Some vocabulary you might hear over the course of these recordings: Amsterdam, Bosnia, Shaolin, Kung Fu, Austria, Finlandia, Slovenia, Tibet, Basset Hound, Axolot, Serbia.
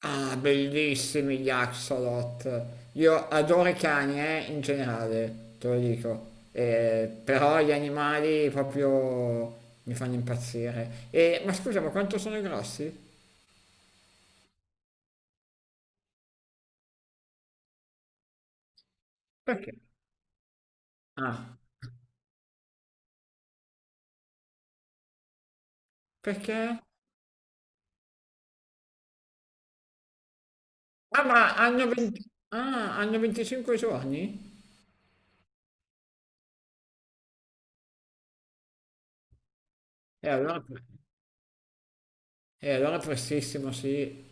Ah, bellissimi gli Axolot. Io adoro i cani, in generale, te lo dico. Però gli animali proprio mi fanno impazzire. E, ma scusa, ma quanto sono grossi? Perché? Ah, perché? Ah, ma hanno 25 giorni? E allora, e allora, prestissimo, sì.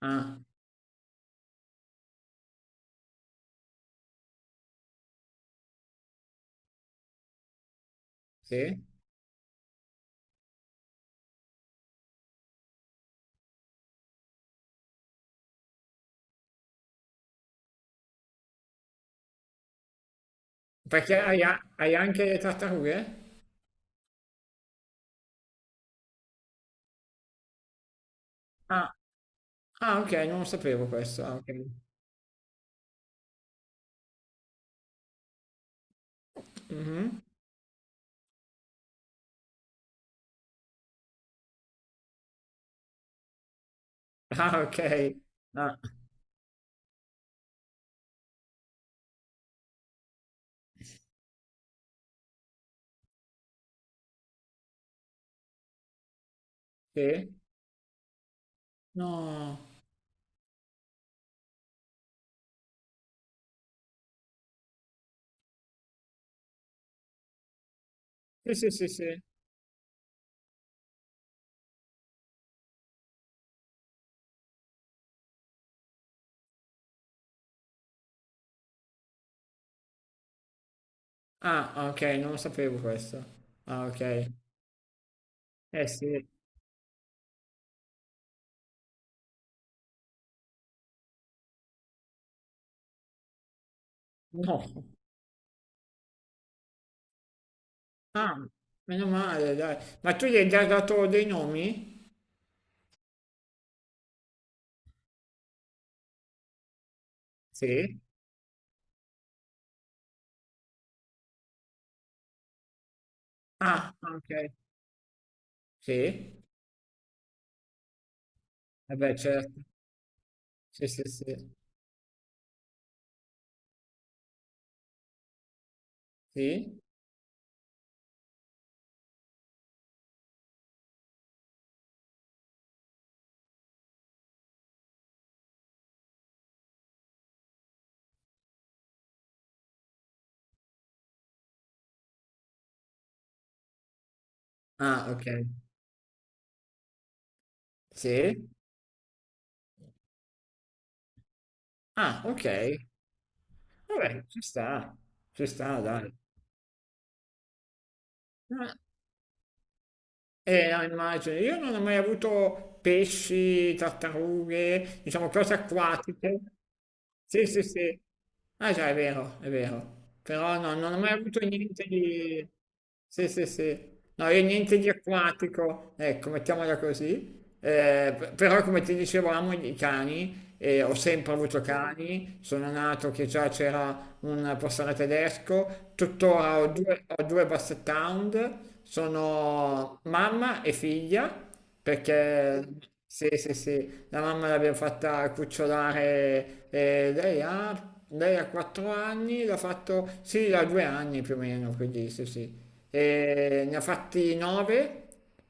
Ah, sì? Perché hai anche le tartarughe? Ah, ah, ok, non lo sapevo questo. Ah, ok. Mhm. Ah, ok. Ah, sì? No. Sì, sì, sì, sì. Ah, ok, non lo sapevo questo. Ah, ok. Eh sì. No. Ah, meno male, dai. Ma tu gli hai già dato dei nomi? Sì. Ah, ok. Sì. Vabbè, certo. Sì, sì, sì. Sì. Ah, ok. Sì. Ah, ok. Vabbè, ci sta. Ci sta, dai. Ah, eh, no, immagino, io non ho mai avuto pesci, tartarughe, diciamo cose acquatiche. Sì, sì, sì. Ah già, è vero, è vero. Però no, non ho mai avuto niente di. Sì, sì, sì. No, io niente di acquatico, ecco, mettiamola così. Però come ti dicevo amo i cani, e ho sempre avuto cani, sono nato che già c'era un pastore tedesco, tuttora ho due basset hound, sono mamma e figlia, perché sì, sì, sì, la mamma l'abbiamo fatta cucciolare, lei ha 4 anni, l'ha fatto, sì, ha 2 anni più o meno, quindi sì, sì, e ne ha fatti nove,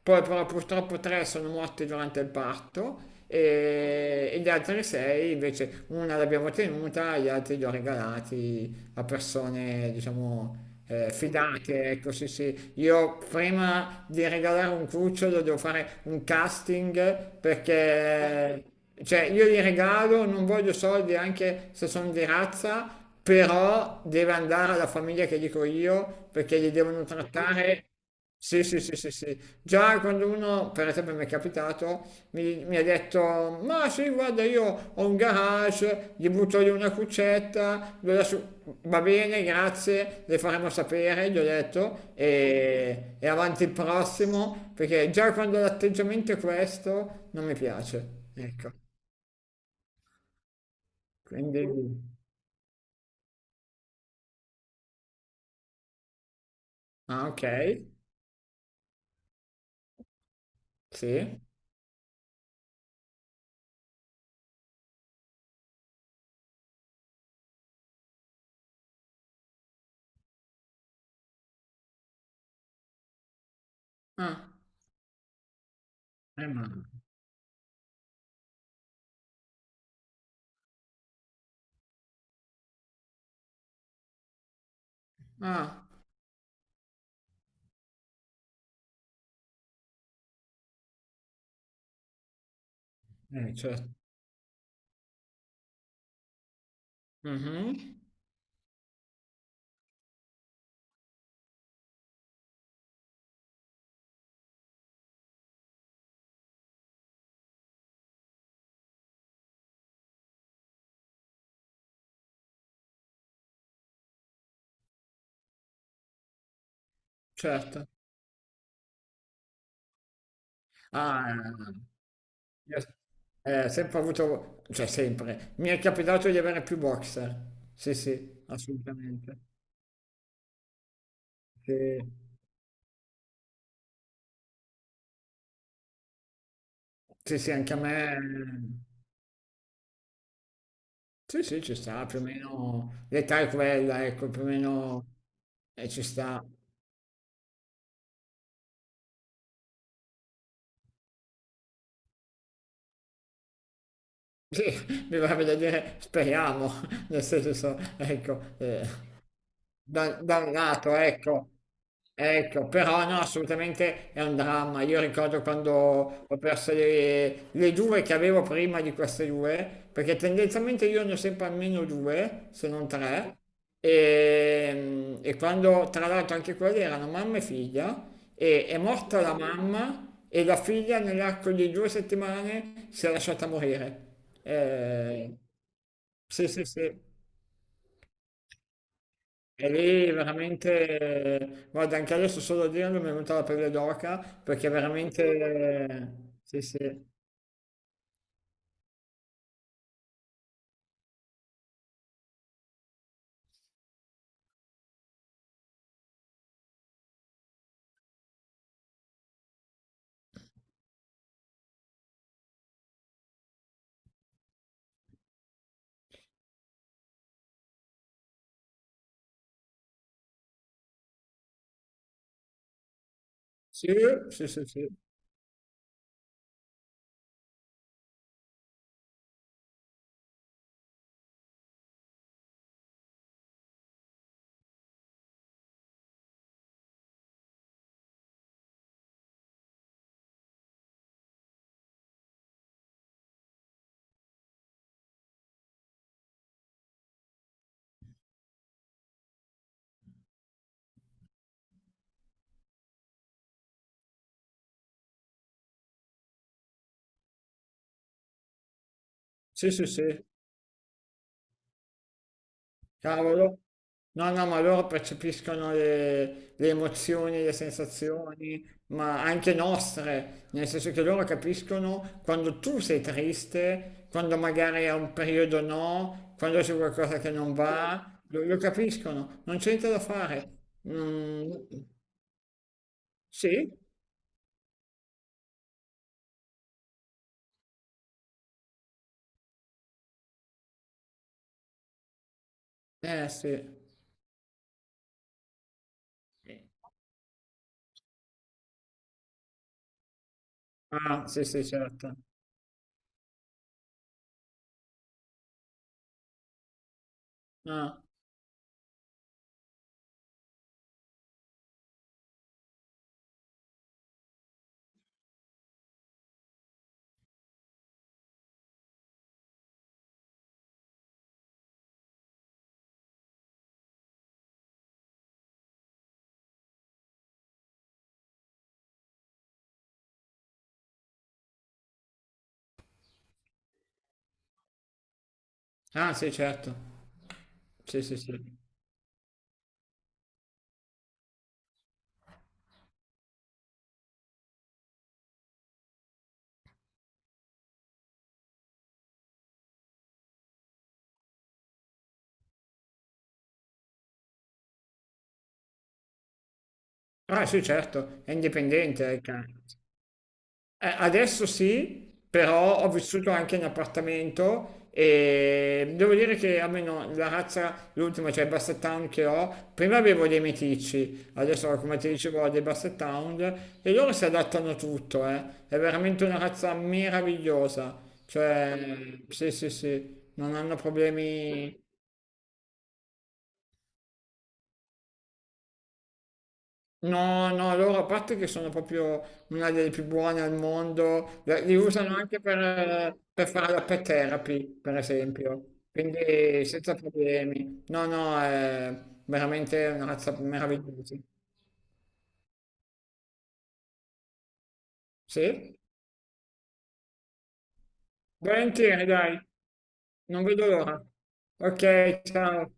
poi però purtroppo tre sono morti durante il parto e gli altri sei invece una l'abbiamo tenuta, gli altri li ho regalati a persone, diciamo, fidate, ecco sì sì. Io prima di regalare un cucciolo devo fare un casting perché. Cioè, io li regalo, non voglio soldi anche se sono di razza, però deve andare alla famiglia che dico io perché li devono trattare. Sì, sì, sì, sì, sì. Già quando uno, per esempio, mi è capitato, mi ha detto: ma sì, guarda, io ho un garage, gli butto lì una cuccetta, va bene, grazie, le faremo sapere, gli ho detto, e avanti il prossimo, perché già quando l'atteggiamento è questo, non mi piace. Ecco, quindi. Ah, ok, sì. Ah, ma. Ah, certo. Mhm, certo. Ah, io s- ho sempre avuto, cioè sempre, mi è capitato di avere più boxer. Sì, sì, assolutamente. Sì, sì, sì, anche a me. Sì, sì, ci sta, più o meno l'età è quella, ecco, più o meno ci sta. Sì, mi va da dire, speriamo, nel senso, ecco, dal lato, ecco. Ecco, però no, assolutamente è un dramma. Io ricordo quando ho perso le due che avevo prima di queste due, perché tendenzialmente io ne ho sempre almeno due, se non tre, e quando tra l'altro anche quelle erano mamma e figlia, e è morta la mamma e la figlia nell'arco di 2 settimane si è lasciata morire. Eh, sì, sì, sì. E lì veramente, guarda, anche adesso solo a dirlo mi è venuta la pelle d'oca perché veramente, sì, sì, sì, sì, sì, sì, sì, sì, sì, cavolo. No, no, ma loro percepiscono le emozioni, le sensazioni, ma anche nostre, nel senso che loro capiscono quando tu sei triste, quando magari è un periodo no, quando c'è qualcosa che non va, lo capiscono, non c'è niente da fare. Mm, sì, eh sì. Sì. Ah, sì, sì, certo. Ah, ah, sì, certo. Sì, sì, sì. Ah, sì, certo, è indipendente il cane. Adesso sì, però ho vissuto anche in appartamento e devo dire che almeno la razza, l'ultima, cioè il Basset Hound che ho, prima avevo dei meticci, adesso come ti dicevo ho dei Basset Hound e loro si adattano a tutto, eh. È veramente una razza meravigliosa. Cioè, sì, sì, sì, non hanno problemi. No, no, loro a parte che sono proprio una delle più buone al mondo, li usano anche per fare la pet therapy, per esempio, quindi senza problemi. No, no, è veramente una razza meravigliosa. Sì? Volentieri, dai, non vedo l'ora. Ok, ciao.